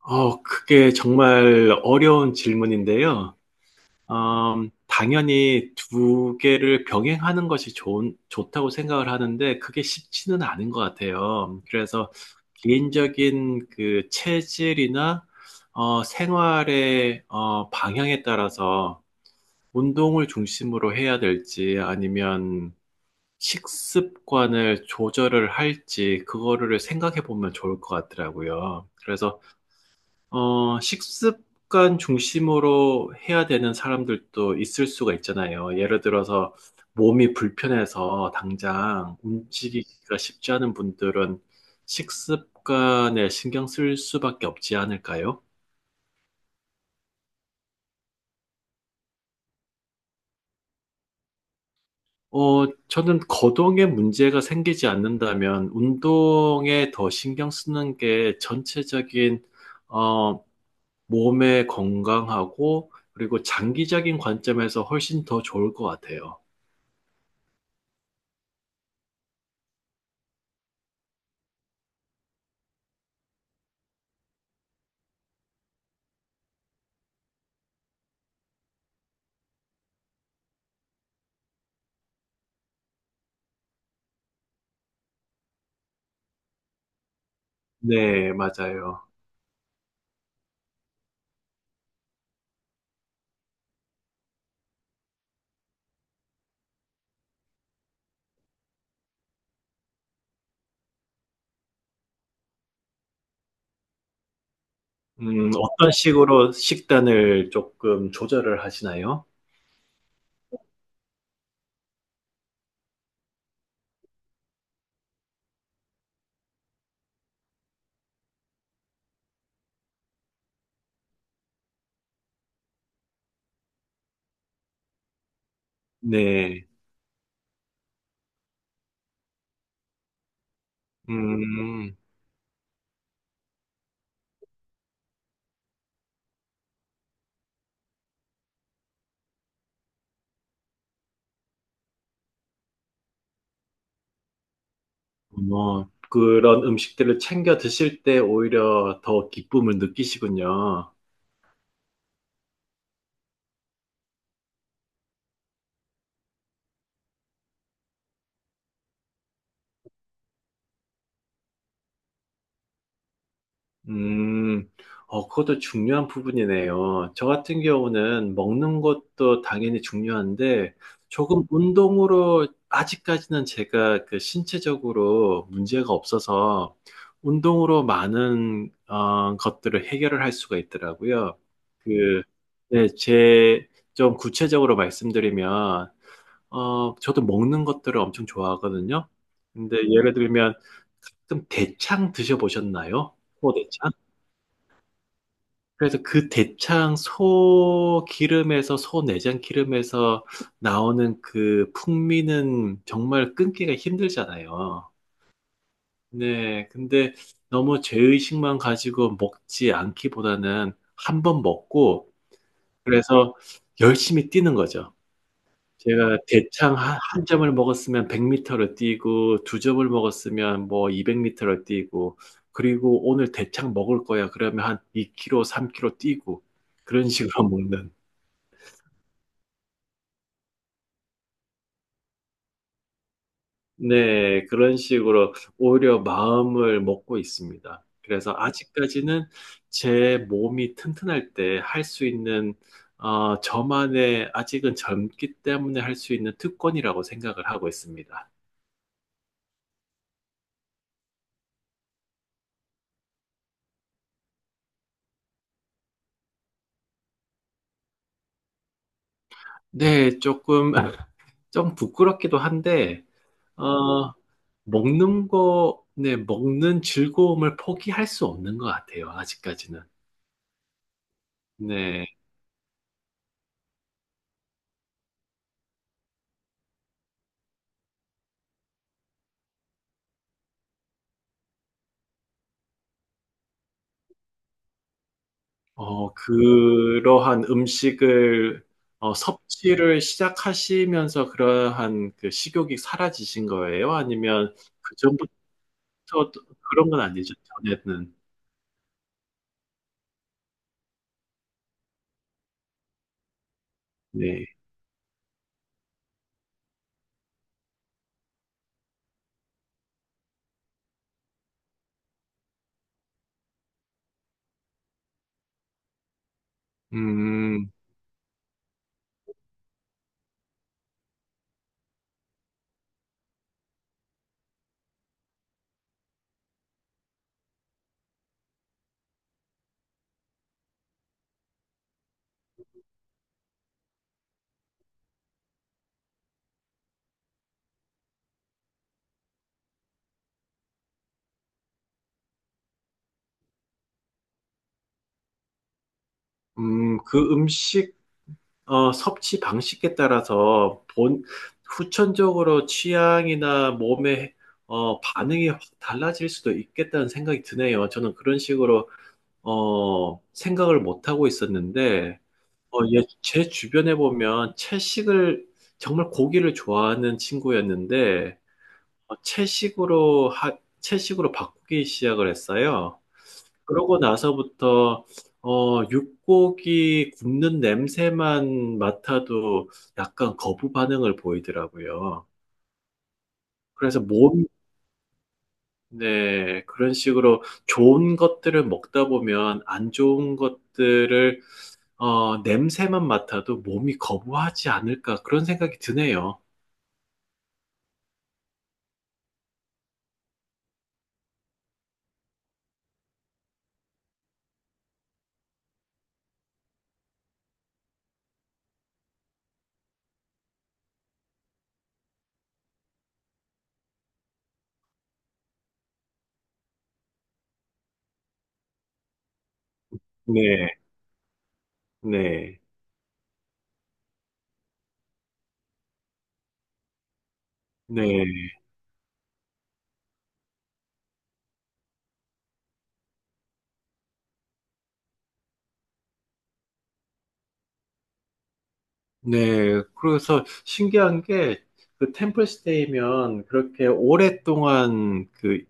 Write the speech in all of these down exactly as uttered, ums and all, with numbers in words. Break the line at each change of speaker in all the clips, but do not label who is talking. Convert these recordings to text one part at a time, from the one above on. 어, 그게 정말 어려운 질문인데요. 음, 당연히 두 개를 병행하는 것이 좋은, 좋다고 생각을 하는데 그게 쉽지는 않은 것 같아요. 그래서 개인적인 그 체질이나 어, 생활의 어, 방향에 따라서 운동을 중심으로 해야 될지 아니면 식습관을 조절을 할지 그거를 생각해 보면 좋을 것 같더라고요. 그래서 어, 식습관 중심으로 해야 되는 사람들도 있을 수가 있잖아요. 예를 들어서 몸이 불편해서 당장 움직이기가 쉽지 않은 분들은 식습관에 신경 쓸 수밖에 없지 않을까요? 어, 저는 거동에 문제가 생기지 않는다면 운동에 더 신경 쓰는 게 전체적인, 어, 몸의 건강하고 그리고 장기적인 관점에서 훨씬 더 좋을 것 같아요. 네, 맞아요. 음 어떤 식으로 식단을 조금 조절을 하시나요? 네. 음. 뭐 그런 음식들을 챙겨 드실 때 오히려 더 기쁨을 느끼시군요. 음, 어, 그것도 중요한 부분이네요. 저 같은 경우는 먹는 것도 당연히 중요한데, 조금 운동으로, 아직까지는 제가 그 신체적으로 문제가 없어서, 운동으로 많은, 어, 것들을 해결을 할 수가 있더라고요. 그, 네, 제, 좀 구체적으로 말씀드리면, 어, 저도 먹는 것들을 엄청 좋아하거든요. 근데 예를 들면, 가끔 대창 드셔보셨나요? 호대창? 그래서 그 대창 소 기름에서, 소 내장 기름에서 나오는 그 풍미는 정말 끊기가 힘들잖아요. 네. 근데 너무 죄의식만 가지고 먹지 않기보다는 한 번 먹고, 그래서 열심히 뛰는 거죠. 제가 대창 한 한 점을 먹었으면 백 미터 를 뛰고 두 점을 먹었으면 뭐 이백 미터 를 뛰고 그리고 "오늘 대창 먹을 거야." 그러면 한 이 킬로 삼 킬로 뛰고 그런 식으로 먹는 네. 그런 식으로 오히려 마음을 먹고 있습니다. 그래서 아직까지는 제 몸이 튼튼할 때 할 수 있는 어 저만의 아직은 젊기 때문에 할 수 있는 특권이라고 생각을 하고 있습니다. 네. 쪼끔 좀 부끄럽기도 한데, 어, 먹는 거, 네, 먹는 즐거움을 포기할 수 없는 것 같아요, 아직까지는. 네, 어, 그러한 음식을, 어, 섭취를 시작하시면서 그러한 그 식욕이 사라지신 거예요? 아니면 그전부터 또 그런 건 아니죠, 전에는. 네. 음, 음, 그 음식, 어, 섭취 방식에 따라서 본, 후천적으로 취향이나 몸의 어, 반응이 확 달라질 수도 있겠다는 생각이 드네요. 저는 그런 식으로 어, 생각을 못 하고 있었는데 어, 예, 제 주변에 보면 채식을 정말 고기를 좋아하는 친구였는데 어, 채식으로 하, 채식으로 바꾸기 시작을 했어요. 그러고 나서부터 어, 육고기 굽는 냄새만 맡아도 약간 거부 반응을 보이더라고요. 그래서 몸, 네, 그런 식으로 좋은 것들을 먹다 보면 안 좋은 것들을 어, 냄새만 맡아도 몸이 거부하지 않을까 그런 생각이 드네요. 네, 네, 네, 네. 그래서 신기한 게 그 템플스테이면 그렇게 오랫동안 그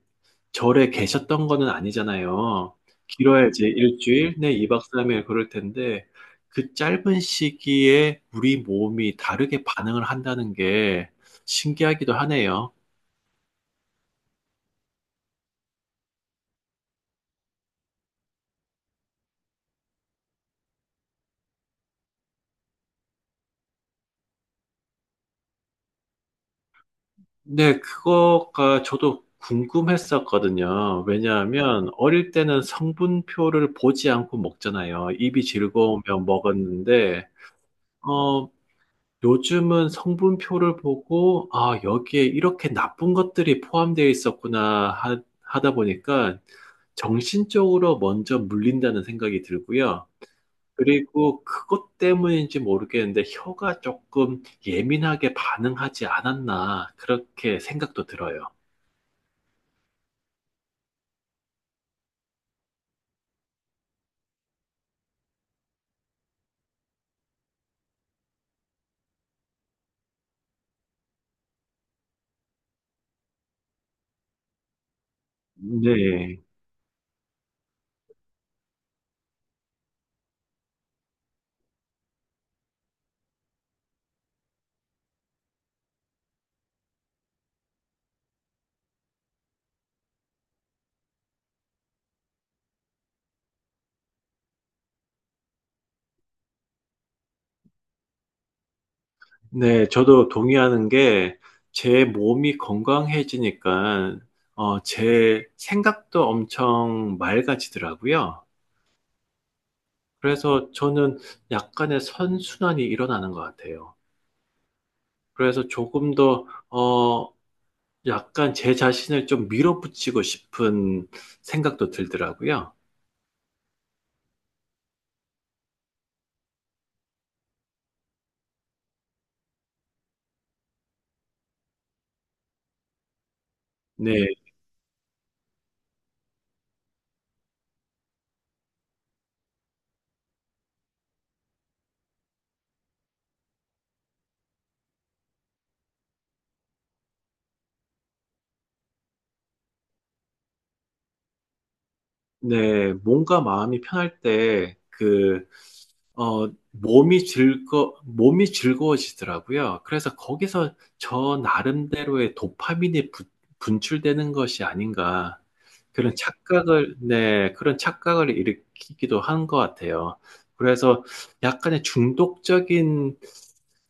절에 계셨던 거는 아니잖아요. 길어야 이제 일주일 네 이 박 삼 일 그럴 텐데 그 짧은 시기에 우리 몸이 다르게 반응을 한다는 게 신기하기도 하네요. 네, 그거가 저도 궁금했었거든요. 왜냐하면 어릴 때는 성분표를 보지 않고 먹잖아요. 입이 즐거우면 먹었는데, 어, 요즘은 성분표를 보고, 아, 여기에 이렇게 나쁜 것들이 포함되어 있었구나 하, 하다 보니까 정신적으로 먼저 물린다는 생각이 들고요. 그리고 그것 때문인지 모르겠는데 혀가 조금 예민하게 반응하지 않았나 그렇게 생각도 들어요. 네. 네, 저도 동의하는 게 제 몸이 건강해지니까 어, 제 생각도 엄청 맑아지더라고요. 그래서 저는 약간의 선순환이 일어나는 것 같아요. 그래서 조금 더, 어, 약간 제 자신을 좀 밀어붙이고 싶은 생각도 들더라고요. 네. 네, 몸과 마음이 편할 때, 그, 어, 몸이 즐거, 몸이 즐거워지더라고요. 그래서 거기서 저 나름대로의 도파민이 부- 분출되는 것이 아닌가. 그런 착각을, 네, 그런 착각을 일으키기도 한 것 같아요. 그래서 약간의 중독적인,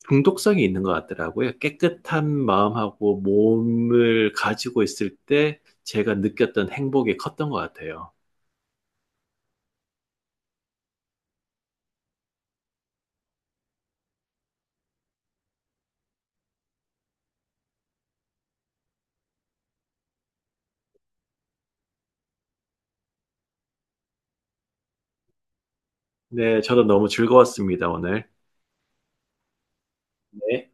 중독성이 있는 것 같더라고요. 깨끗한 마음하고 몸을 가지고 있을 때 제가 느꼈던 행복이 컸던 것 같아요. 네, 저도 너무 즐거웠습니다, 오늘. 네.